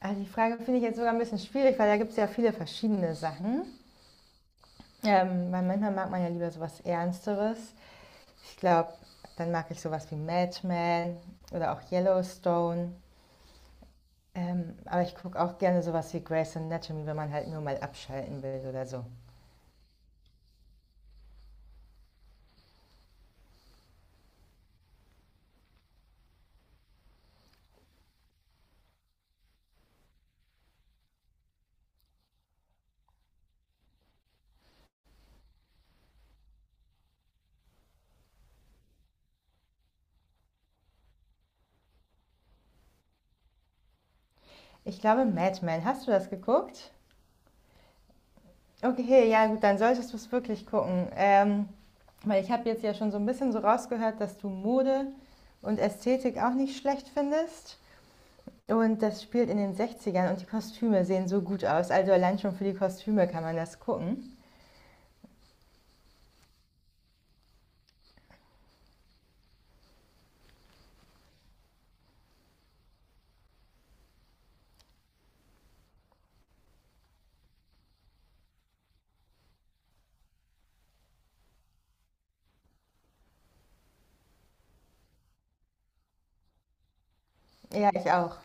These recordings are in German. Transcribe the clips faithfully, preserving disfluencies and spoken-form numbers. Also die Frage finde ich jetzt sogar ein bisschen schwierig, weil da gibt es ja viele verschiedene Sachen. Ähm, weil manchmal mag man ja lieber sowas Ernsteres. Ich glaube, dann mag ich sowas wie Madman oder auch Yellowstone. Ähm, aber ich gucke auch gerne sowas wie Grey's Anatomy, wenn man halt nur mal abschalten will oder so. Ich glaube, Madman, hast du das geguckt? Okay, ja gut, dann solltest du es wirklich gucken. Ähm, weil ich habe jetzt ja schon so ein bisschen so rausgehört, dass du Mode und Ästhetik auch nicht schlecht findest. Und das spielt in den sechzigern und die Kostüme sehen so gut aus. Also allein schon für die Kostüme kann man das gucken. Ja, ich auch.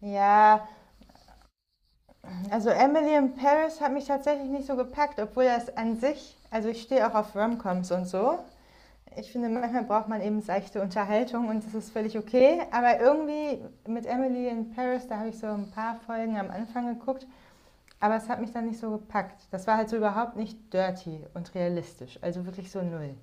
Ja, also Emily in Paris hat mich tatsächlich nicht so gepackt, obwohl das an sich, also ich stehe auch auf Romcoms und so. Ich finde, manchmal braucht man eben seichte Unterhaltung und das ist völlig okay. Aber irgendwie mit Emily in Paris, da habe ich so ein paar Folgen am Anfang geguckt, aber es hat mich dann nicht so gepackt. Das war halt so überhaupt nicht dirty und realistisch, also wirklich so null.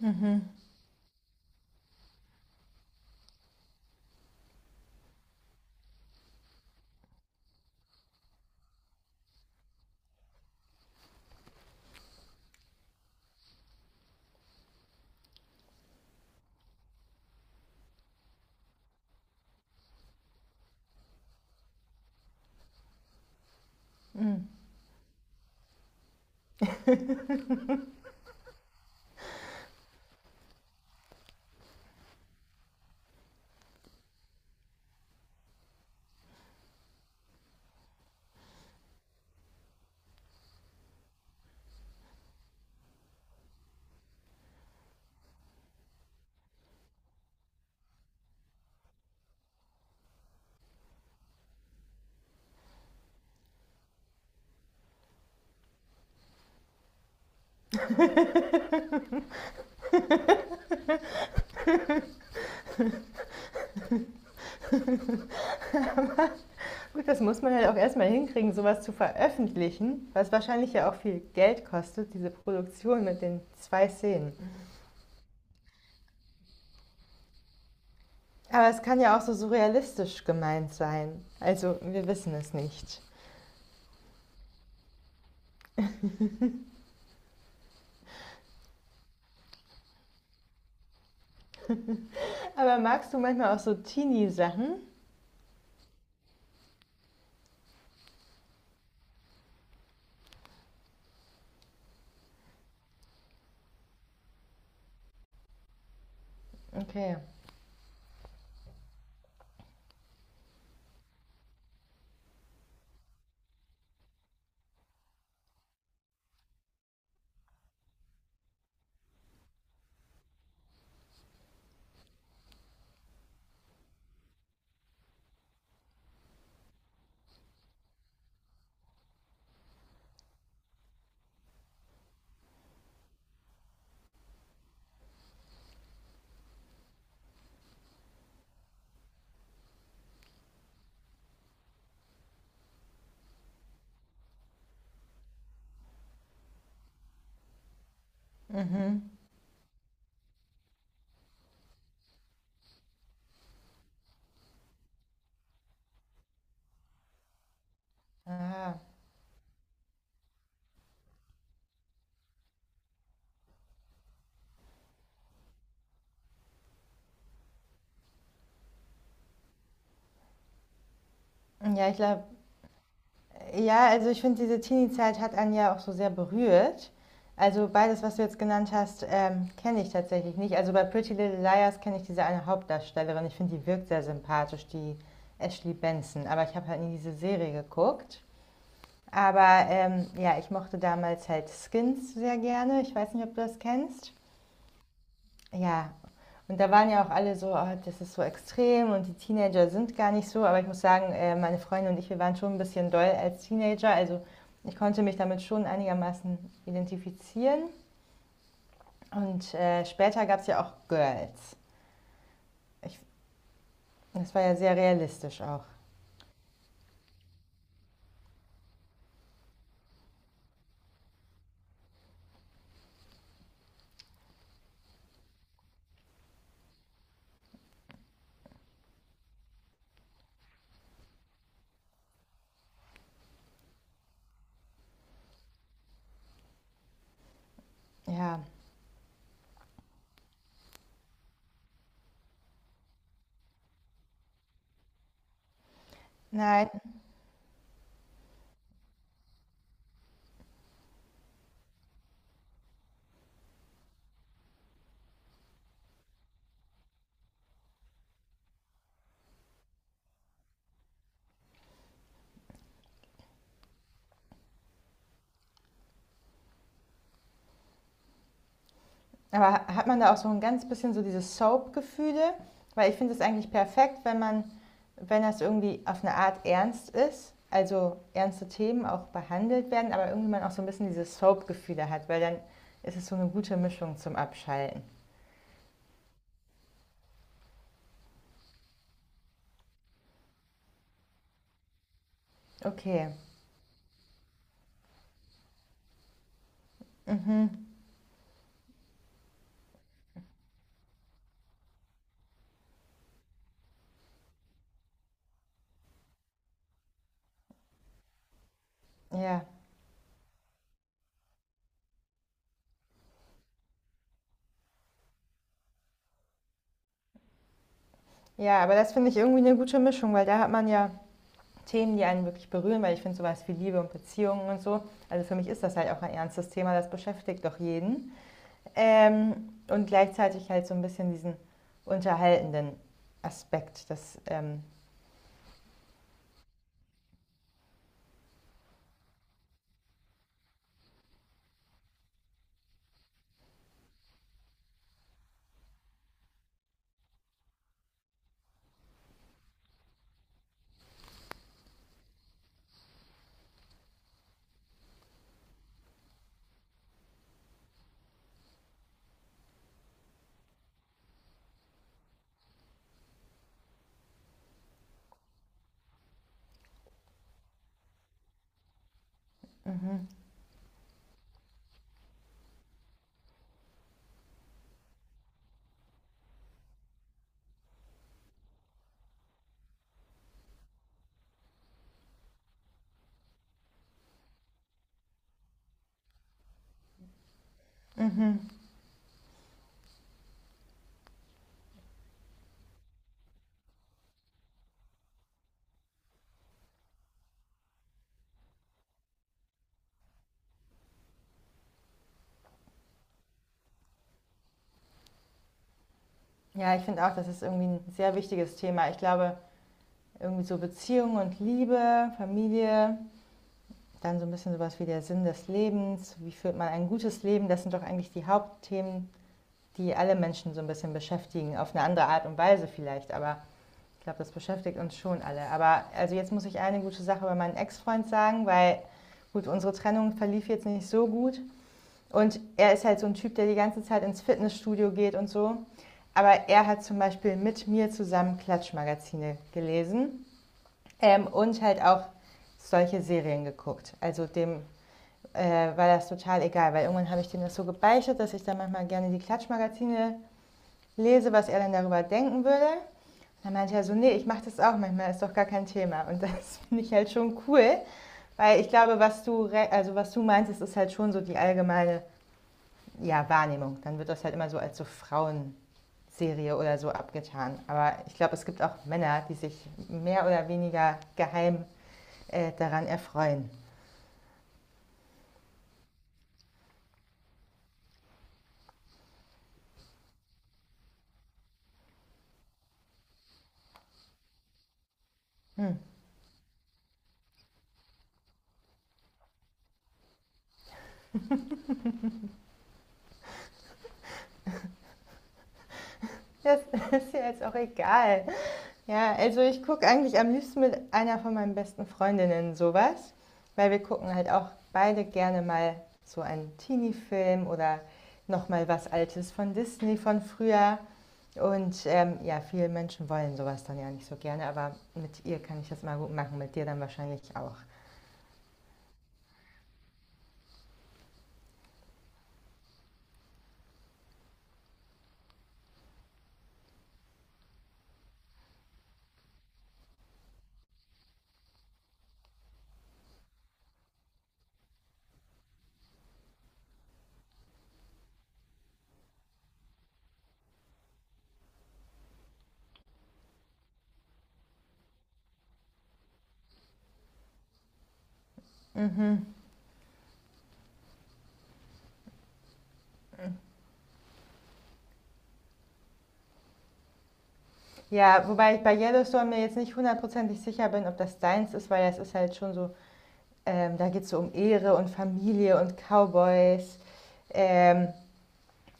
Mhm. Gut, das muss man halt auch erstmal hinkriegen, sowas zu veröffentlichen, was wahrscheinlich ja auch viel Geld kostet, diese Produktion mit den zwei Szenen. Aber es kann ja auch so surrealistisch gemeint sein. Also, wir wissen es nicht. Aber magst du manchmal auch so Teenie-Sachen? Okay. Mhm. Aha. Ja, ich glaube, ja, also ich finde, diese Teenie-Zeit hat einen ja auch so sehr berührt. Also beides, was du jetzt genannt hast, ähm, kenne ich tatsächlich nicht. Also bei Pretty Little Liars kenne ich diese eine Hauptdarstellerin. Ich finde, die wirkt sehr sympathisch, die Ashley Benson. Aber ich habe halt nie diese Serie geguckt. Aber ähm, ja, ich mochte damals halt Skins sehr gerne. Ich weiß nicht, ob du das kennst. Ja, und da waren ja auch alle so: „Oh, das ist so extrem und die Teenager sind gar nicht so.“ Aber ich muss sagen, äh, meine Freundin und ich, wir waren schon ein bisschen doll als Teenager. Also, ich konnte mich damit schon einigermaßen identifizieren. Und, äh, später gab's ja auch Girls. Ich das war ja sehr realistisch auch. Ja. Nein. Aber hat man da auch so ein ganz bisschen so diese Soap-Gefühle? Weil ich finde es eigentlich perfekt, wenn man, wenn das irgendwie auf eine Art ernst ist, also ernste Themen auch behandelt werden, aber irgendwie man auch so ein bisschen diese Soap-Gefühle hat, weil dann ist es so eine gute Mischung zum Abschalten. Okay. Mhm. Ja. Ja, aber das finde ich irgendwie eine gute Mischung, weil da hat man ja Themen, die einen wirklich berühren, weil ich finde sowas wie Liebe und Beziehungen und so. Also für mich ist das halt auch ein ernstes Thema, das beschäftigt doch jeden. Ähm, und gleichzeitig halt so ein bisschen diesen unterhaltenden Aspekt. Das, ähm, mhm, mhm. Ja, ich finde auch, das ist irgendwie ein sehr wichtiges Thema. Ich glaube, irgendwie so Beziehung und Liebe, Familie, dann so ein bisschen sowas wie der Sinn des Lebens, wie führt man ein gutes Leben, das sind doch eigentlich die Hauptthemen, die alle Menschen so ein bisschen beschäftigen, auf eine andere Art und Weise vielleicht, aber ich glaube, das beschäftigt uns schon alle. Aber also jetzt muss ich eine gute Sache über meinen Ex-Freund sagen, weil gut, unsere Trennung verlief jetzt nicht so gut. Und er ist halt so ein Typ, der die ganze Zeit ins Fitnessstudio geht und so. Aber er hat zum Beispiel mit mir zusammen Klatschmagazine gelesen, ähm, und halt auch solche Serien geguckt. Also dem äh, war das total egal, weil irgendwann habe ich dem das so gebeichtet, dass ich dann manchmal gerne die Klatschmagazine lese, was er dann darüber denken würde. Dann meinte er so, nee, ich mache das auch manchmal, ist doch gar kein Thema. Und das finde ich halt schon cool, weil ich glaube, was du, also was du meinst, ist, ist halt schon so die allgemeine ja, Wahrnehmung. Dann wird das halt immer so als so Frauenserie oder so abgetan. Aber ich glaube, es gibt auch Männer, die sich mehr oder weniger geheim äh, daran erfreuen. Hm. Das ist ja jetzt auch egal. Ja, also ich gucke eigentlich am liebsten mit einer von meinen besten Freundinnen sowas, weil wir gucken halt auch beide gerne mal so einen Teenie-Film oder noch mal was Altes von Disney von früher. Und ähm, ja, viele Menschen wollen sowas dann ja nicht so gerne, aber mit ihr kann ich das mal gut machen, mit dir dann wahrscheinlich auch. Mhm. Ja, wobei ich bei Yellowstone mir jetzt nicht hundertprozentig sicher bin, ob das deins ist, weil das ist halt schon so, ähm, da geht es so um Ehre und Familie und Cowboys. Ähm,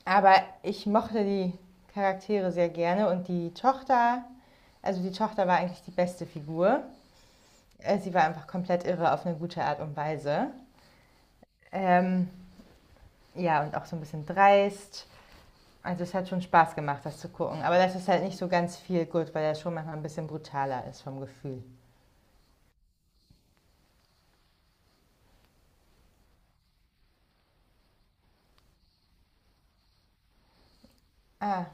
Aber ich mochte die Charaktere sehr gerne und die Tochter, also die Tochter war eigentlich die beste Figur. Äh, Sie war einfach komplett irre auf eine gute Art und Weise. Ähm, ja, und auch so ein bisschen dreist. Also es hat schon Spaß gemacht, das zu gucken. Aber das ist halt nicht so ganz viel gut, weil das schon manchmal ein bisschen brutaler ist vom Gefühl. Ah,